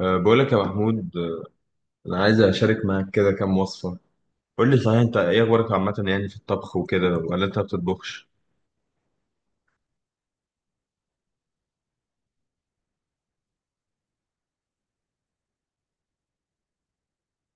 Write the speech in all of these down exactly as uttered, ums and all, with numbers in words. أه، بقول لك يا محمود، أه، انا عايز اشارك معاك كده كام وصفه. قول لي، صحيح انت ايه اخبارك عامه يعني في الطبخ وكده، ولا انت ما بتطبخش؟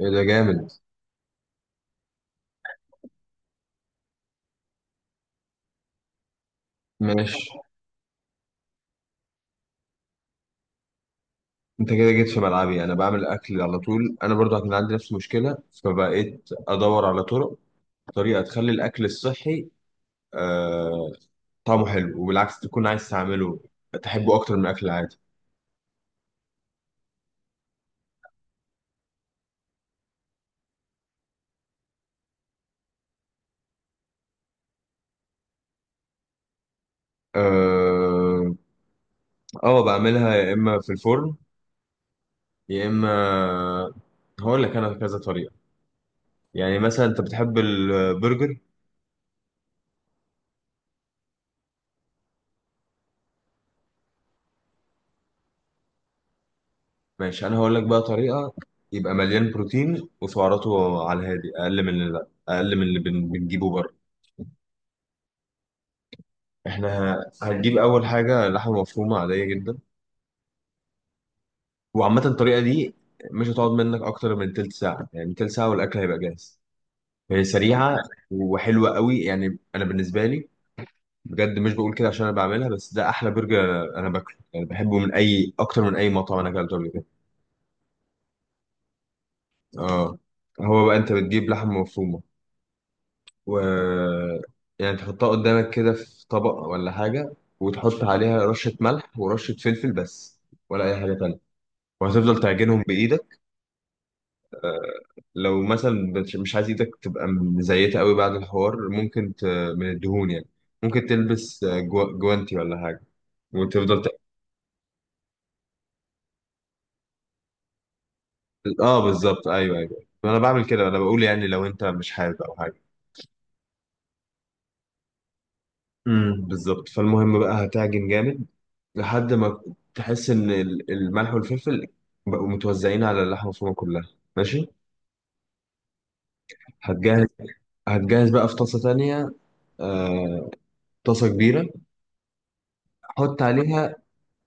ايه ده جامد! ماشي، انت كده جيت في ملعبي، انا بعمل اكل على طول، انا برضو كان عندي نفس المشكله، فبقيت ادور على طرق، طريقه تخلي الاكل الصحي أه طعمه حلو، وبالعكس تكون عايز تعمله، تحبه اكتر من الاكل العادي. اه. آه، بعملها يا اما في الفرن، يا اما... هقول لك انا كذا طريقه. يعني مثلا انت بتحب البرجر. ماشي، انا هقول لك بقى طريقه يبقى مليان بروتين وسعراته على الهادي، اقل من اللي اقل من اللي بن- بنجيبه بره. احنا ه- هنجيب اول حاجه لحمه مفرومه عاديه جدا. وعامه الطريقه دي مش هتقعد منك اكتر من تلت ساعه، يعني تلت ساعه والاكل هيبقى جاهز. هي سريعه وحلوه قوي، يعني انا بالنسبه لي، بجد مش بقول كده عشان انا بعملها، بس ده احلى برجر انا باكله، يعني بحبه من اي اكتر من اي مطعم انا اكلته قبل كده. اه. هو بقى انت بتجيب لحمه مفرومه، و... يعني تحطها قدامك كده في طبق ولا حاجة، وتحط عليها رشة ملح ورشة فلفل بس، ولا أي حاجة تانية، وهتفضل تعجنهم بإيدك. لو مثلا بتش- مش عايز إيدك تبقى مزيتة قوي بعد الحوار، ممكن ت... من الدهون يعني، ممكن تلبس جو... جوانتي ولا حاجة، وتفضل ت... اه بالظبط، ايوه ايوه، انا بعمل كده، انا بقول يعني لو انت مش حابب او حاجه. امم بالظبط، فالمهم بقى هتعجن جامد لحد ما تحس ان ال- الملح والفلفل بقوا متوزعين على اللحمه المفرومه كلها، ماشي. هتجهز هتجهز بقى في طاسه تانية، آه، طاسه كبيره، حط عليها...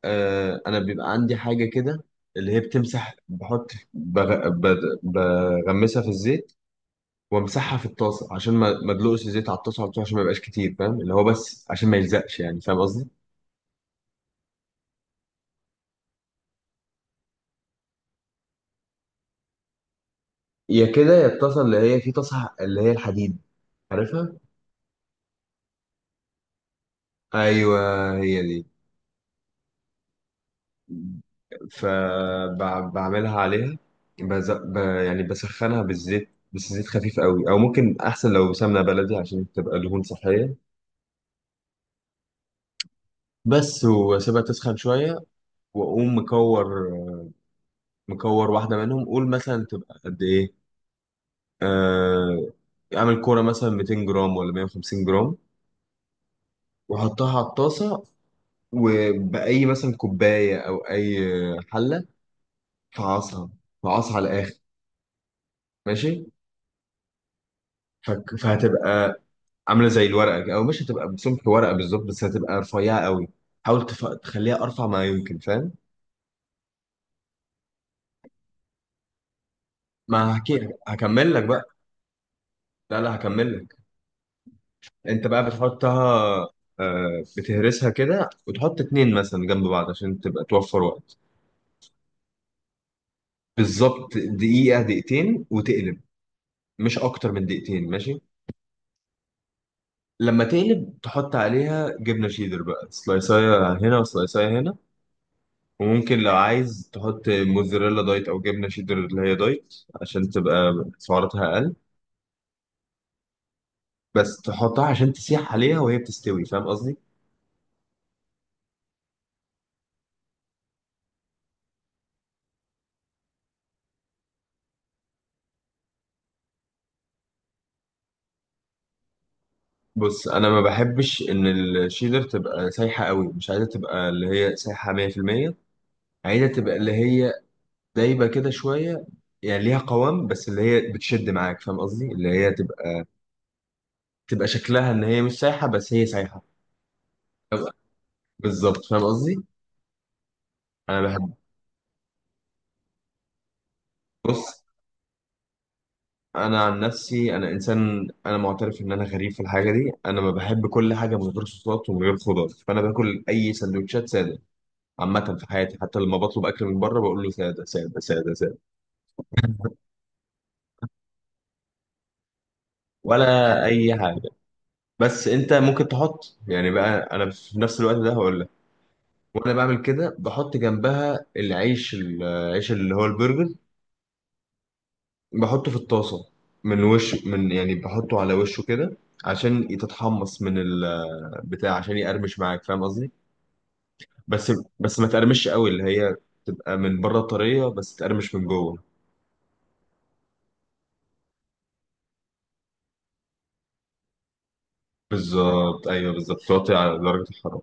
آه، انا بيبقى عندي حاجه كده اللي هي بتمسح، بحط بغ- ب- بغمسها في الزيت، وامسحها في الطاسه عشان ما ما ادلقش الزيت على الطاسه على طول، عشان ما يبقاش كتير، فاهم؟ اللي هو بس عشان ما يلزقش، يعني فاهم قصدي. يا كده يا الطاسه اللي هي... في طاسه اللي هي الحديد، عارفها؟ ايوه هي دي. فبعملها عليها، بز... ب... يعني بسخنها بالزيت بس، زيت خفيف قوي او ممكن احسن لو سمنه بلدي عشان تبقى دهون صحيه. بس، واسيبها تسخن شويه، واقوم مكور مكور واحده منهم، قول مثلا تبقى قد ايه، آه... اعمل كوره مثلا 200 جرام ولا 150 جرام، واحطها على الطاسه، وباي مثلا كوبايه او اي حله، فعصها فعصها على الاخر، ماشي. فك- فهتبقى عامله زي الورقه كده، او مش هتبقى بسمك ورقه بالظبط، بس هتبقى رفيعه قوي، حاول تف... تخليها ارفع ما يمكن، فاهم؟ ما هحكي هكمل لك بقى. لا لا، هكمل لك. انت بقى بتحطها، آه، بتهرسها كده وتحط اتنين مثلا جنب بعض عشان تبقى توفر وقت. بالظبط دقيقه دقيقتين وتقلب، مش اكتر من دقيقتين، ماشي. لما تقلب تحط عليها جبنه شيدر بقى، سلايسايه هنا وسلايسايه هنا. وممكن لو عايز تحط موزاريلا دايت او جبنه شيدر اللي هي دايت، عشان تبقى سعراتها اقل، بس تحطها عشان تسيح عليها وهي بتستوي، فاهم قصدي؟ بص، انا ما بحبش ان الشيدر تبقى سايحه قوي، مش عايزه تبقى اللي هي سايحه ميه في الميه، عايزه تبقى اللي هي دايبه كده شويه، يعني ليها قوام بس اللي هي بتشد معاك، فاهم قصدي؟ اللي هي تبقى تبقى شكلها ان هي مش سايحه بس هي سايحه. بالظبط، فاهم قصدي. انا بحب. بص، انا عن نفسي انا انسان، انا معترف ان انا غريب في الحاجه دي، انا ما بحب كل حاجه من غير صوصات ومن غير خضار، فانا باكل اي سندوتشات ساده. عامه في حياتي حتى لما بطلب اكل من بره بقول له ساده ساده ساده ساده، ولا اي حاجه. بس انت ممكن تحط يعني، بقى انا في نفس الوقت ده هقول لك، وانا بعمل كده بحط جنبها العيش، العيش اللي هو البرجر، بحطه في الطاسه من وش، من يعني بحطه على وشه كده عشان تتحمص من البتاع عشان يقرمش معاك، فاهم قصدي؟ بس، بس ما تقرمش قوي، اللي هي تبقى من بره طريه بس تقرمش من جوه. بالظبط، ايوه بالظبط توطي على درجه الحراره.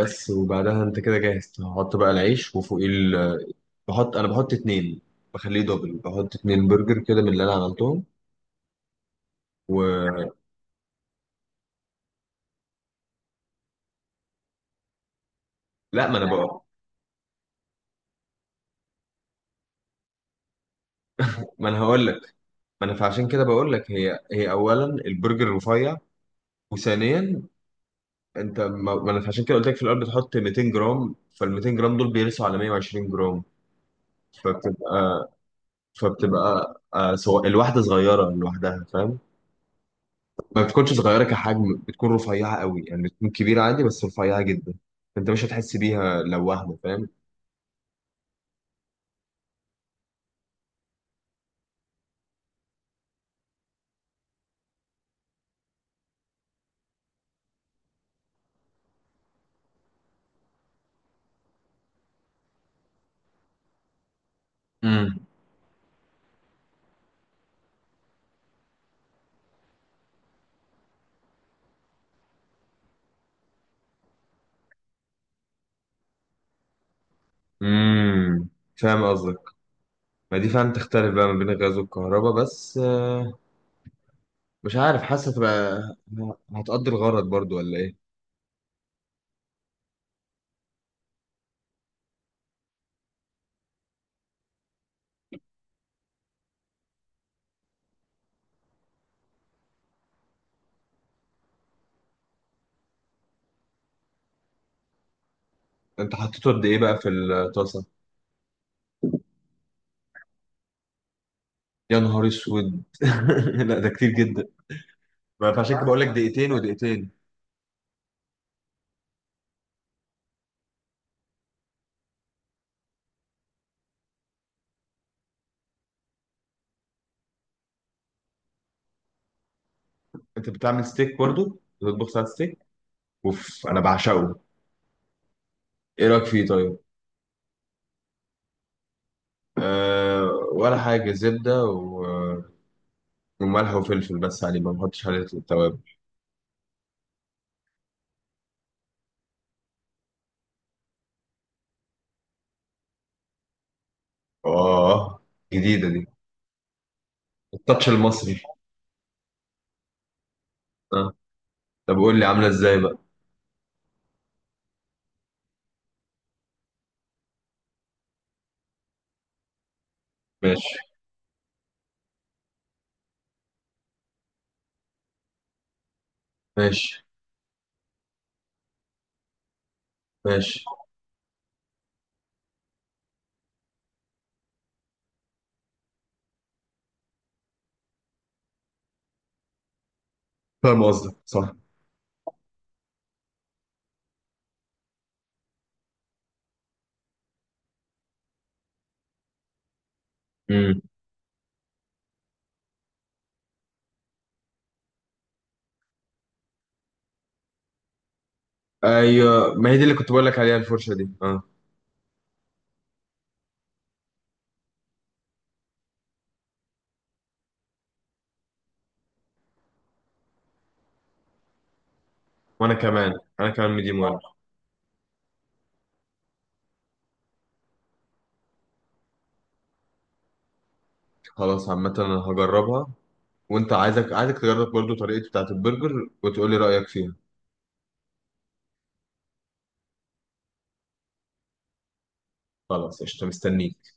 بس، وبعدها انت كده جاهز تحط بقى العيش وفوقيه ال... بحط انا بحط اتنين، بخليه دبل، بحط اتنين برجر كده من اللي انا عملتهم و... لا، ما انا بقى، ما انا هقول لك، ما انا فعشان كده بقول لك، هي هي اولا البرجر رفيع، وثانيا انت ما ما انا عشان كده قلت لك في الاول بتحط 200 جرام، فال 200 جرام دول بيرسوا على 120 جرام، فبتبقى فبتبقى آه، سواء الواحدة صغيرة لوحدها، فاهم؟ ما بتكونش صغيرة كحجم، بتكون رفيعة قوي، يعني بتكون كبيرة عادي بس رفيعة جدا، انت مش هتحس بيها لو واحدة، فاهم؟ امم امم فاهم قصدك، ما دي فعلا تختلف بقى ما بين الغاز والكهرباء، بس آه، مش عارف، حاسة تبقى هتقضي الغرض برضو ولا ايه؟ انت حطيته قد ايه بقى في الطاسة؟ يا نهار اسود! لا ده كتير جدا، ما فعشان كده بقول لك دقيقتين ودقيقتين. انت بتعمل ستيك برضو؟ بتطبخ ساعة ستيك! اوف انا بعشقه. ايه رايك فيه طيب؟ أه ولا حاجه، زبده و- وملح وفلفل بس عليه، ما بحطش عليه التوابل. اه جديده دي، التاتش المصري. أه. طب قول لي عامله ازاي بقى. ماشي. ماشي. ماشي. فاهم قصدك، صح. امم، ايوه، ما هي دي اللي كنت بقول لك عليها، الفرشه دي، اه. وانا كمان، انا كمان ميديم ويل. خلاص، عامه انا هجربها، وانت عايزك عايزك تجرب برضو طريقتي بتاعت البرجر وتقول لي رايك فيها. خلاص قشطه، مستنيك.